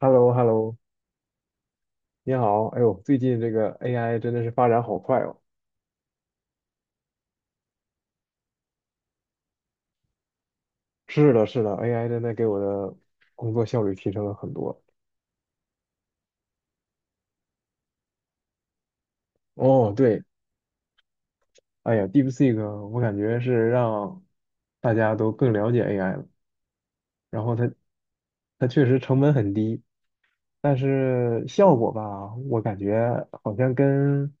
h e l l o h e l l o 你好。哎呦，最近这个 AI 真的是发展好快哦。是的，是的，AI 真的给我的工作效率提升了很多。哦，对，哎呀，DeepSeek，我感觉是让大家都更了解 AI 了。然后它，它确实成本很低，但是效果吧，我感觉好像跟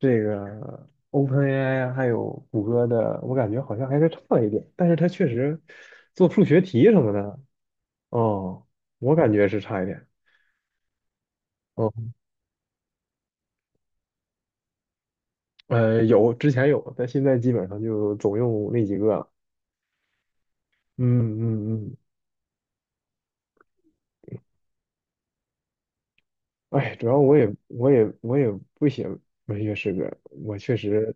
这个 OpenAI 还有谷歌的，我感觉好像还是差了一点。但是它确实做数学题什么的，哦，我感觉是差一点。哦，有，之前有，但现在基本上就总用那几个了。嗯嗯嗯，哎，主要我也不写文学诗歌，我确实，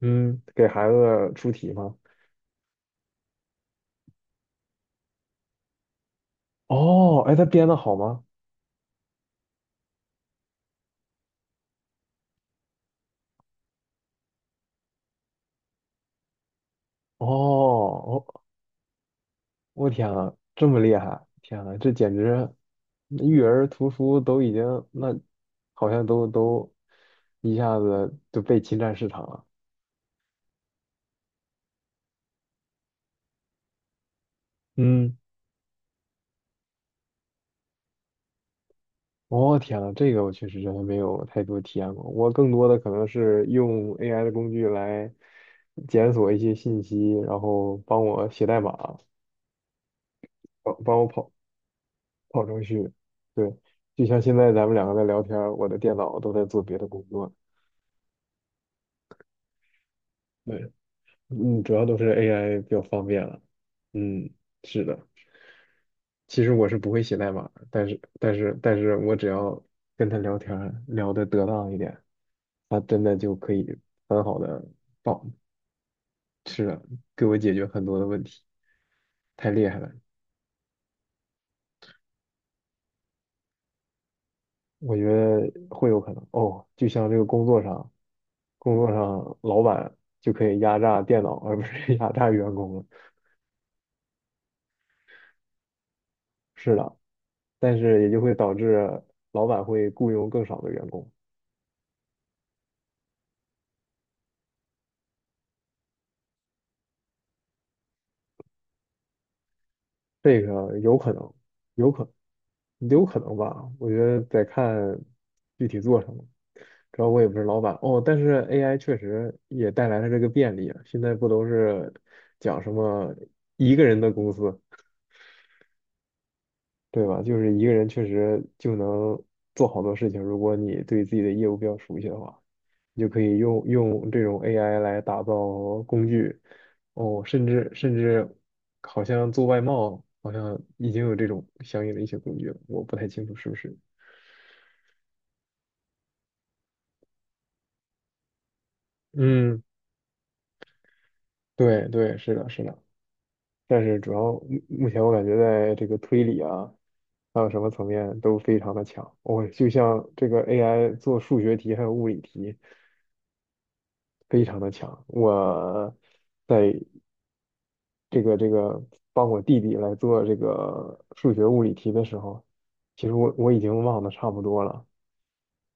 嗯，给孩子出题嘛。哦，哎，他编的好吗？哦，我我天呐，这么厉害！天呐，这简直育儿图书都已经那好像都一下子就被侵占市场了。嗯。哦，天呐，这个我确实真的没有太多体验过。我更多的可能是用 AI 的工具来检索一些信息，然后帮我写代码，帮我跑程序。对，就像现在咱们两个在聊天儿，我的电脑都在做别的工作。对，嗯，主要都是 AI 比较方便了。嗯，是的。其实我是不会写代码，但是我只要跟他聊天儿，聊得得当一点，他真的就可以很好的。是的，给我解决很多的问题，太厉害了。我觉得会有可能哦，就像这个工作上，工作上老板就可以压榨电脑，而不是 压榨员工了。是的，但是也就会导致老板会雇佣更少的员工，这个有可能，有可有可能吧？我觉得得看具体做什么。主要我也不是老板哦，但是 AI 确实也带来了这个便利啊。现在不都是讲什么一个人的公司？对吧？就是一个人确实就能做好多事情，如果你对自己的业务比较熟悉的话，你就可以用这种 AI 来打造工具，哦，甚至好像做外贸，好像已经有这种相应的一些工具了，我不太清楚是不是。嗯，对对，是的，是的。但是主要目目前我感觉在这个推理啊，还有什么层面都非常的强。我、就像这个 AI 做数学题还有物理题。非常的强。我在这个帮我弟弟来做这个数学物理题的时候，其实我已经忘得差不多了，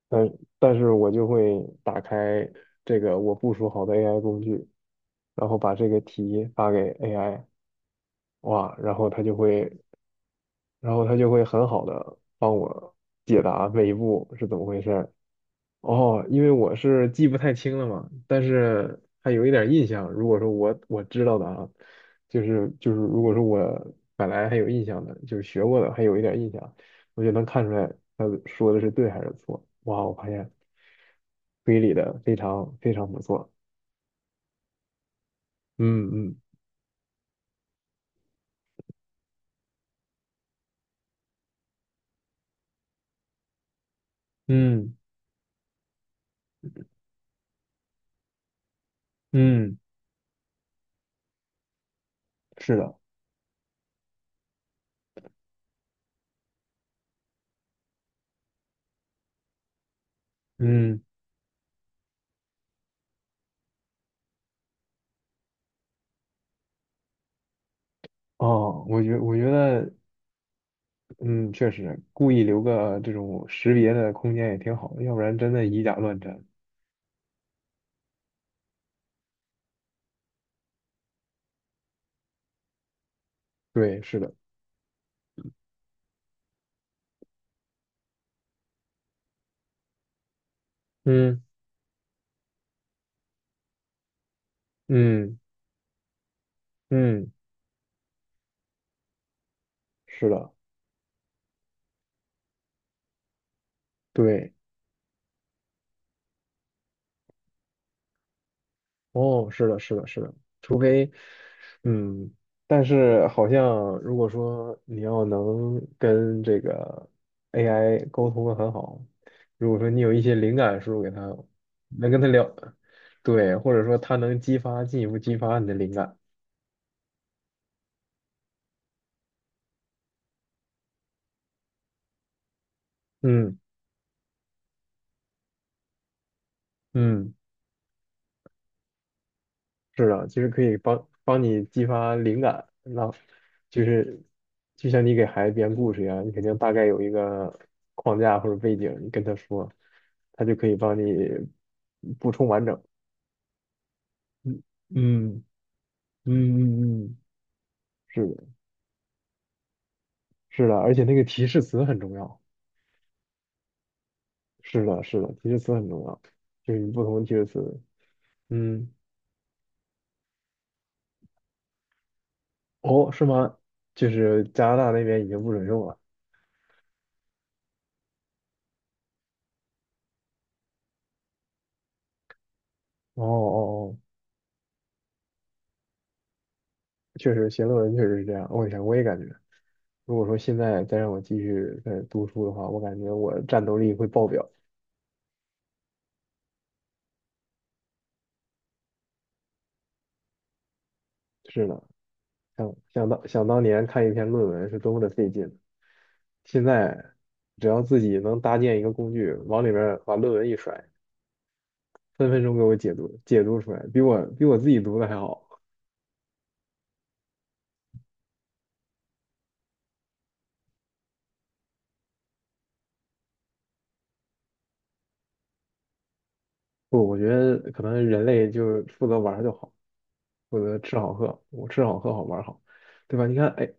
但但是我就会打开这个我部署好的 AI 工具，然后把这个题发给 AI，哇，然后它就会很好的帮我解答每一步是怎么回事。哦，因为我是记不太清了嘛，但是还有一点印象。如果说我知道的啊，如果说我本来还有印象的，就是学过的还有一点印象，我就能看出来他说的是对还是错。哇，我发现推理的非常非常不错。嗯嗯嗯嗯，是的，嗯哦，我觉得嗯，确实故意留个这种识别的空间也挺好的，要不然真的以假乱真。对，是的。嗯嗯嗯，是的，对，哦，是的，是的，是的，除非，嗯，但是好像如果说你要能跟这个 AI 沟通的很好，如果说你有一些灵感输入给他，能跟他聊，对，或者说他能激发，进一步激发你的灵感，嗯嗯。是的，其实可以帮你激发灵感。让就是就像你给孩子编故事一样，你肯定大概有一个框架或者背景，你跟他说，他就可以帮你补充完整。嗯嗯嗯嗯嗯，是的，是的，而且那个提示词很重要。是的，是的，提示词很重要，就是你不同的提示词。嗯，哦，是吗？就是加拿大那边已经不准用了。哦哦哦确实写论文确实是这样，我想我也感觉，如果说现在再让我继续再读书的话，我感觉我战斗力会爆表。是的，想想当年看一篇论文是多么的费劲，现在只要自己能搭建一个工具，往里面把论文一甩，分分钟给我解读出来，比我自己读的还好。不，我觉得可能人类就负责玩儿就好，负责吃好喝，我吃好喝好玩儿好，对吧？你看，哎，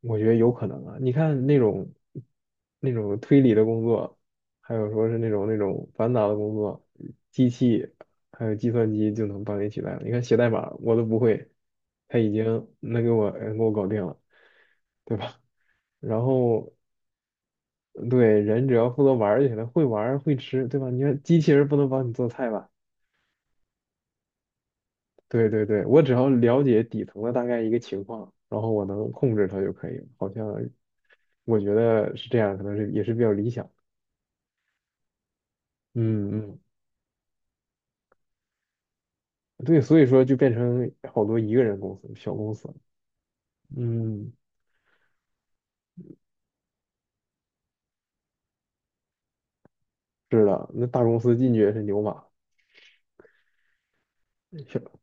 我觉得有可能啊。你看那种推理的工作，还有说是那种繁杂的工作，机器还有计算机就能帮你取代了。你看写代码我都不会，他已经能给我搞定了，对吧？然后对人只要负责玩儿就行了，会玩儿会吃，对吧？你看机器人不能帮你做菜吧？对对对，我只要了解底层的大概一个情况，然后我能控制它就可以了。好像我觉得是这样，可能是也是比较理想。嗯嗯，对，所以说就变成好多一个人公司、小公司。嗯，是的，那大公司进去也是牛马，小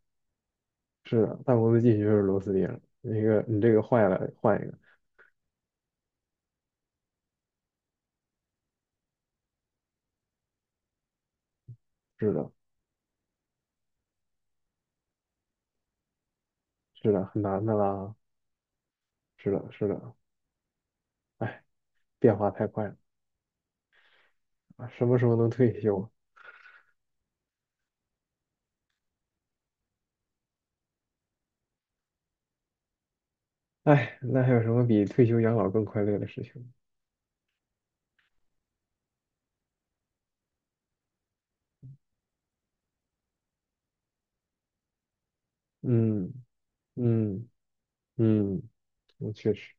是的，大公司进去就是螺丝钉儿。那个你这个坏了，换一个。是的，是的，很难的啦。是的，是的，哎，变化太快了啊！什么时候能退休啊？哎，那还有什么比退休养老更快乐的事情嗯嗯嗯，那确实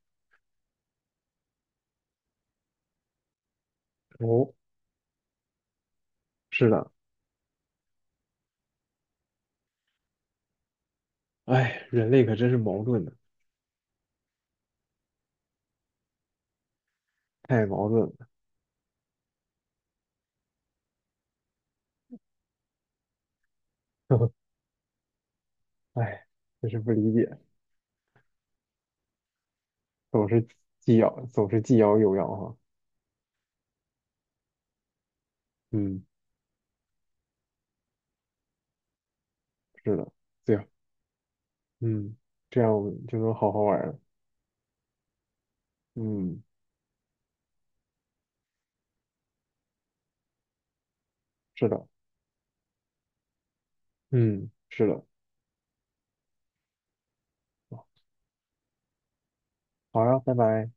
哦，是的，哎，人类可真是矛盾的，太矛盾了。哎，就是不理解，总是总是既要又要哈。嗯，是的，对呀，嗯，这样我们就能好好玩了。嗯，是的，嗯，是的，好呀，拜拜。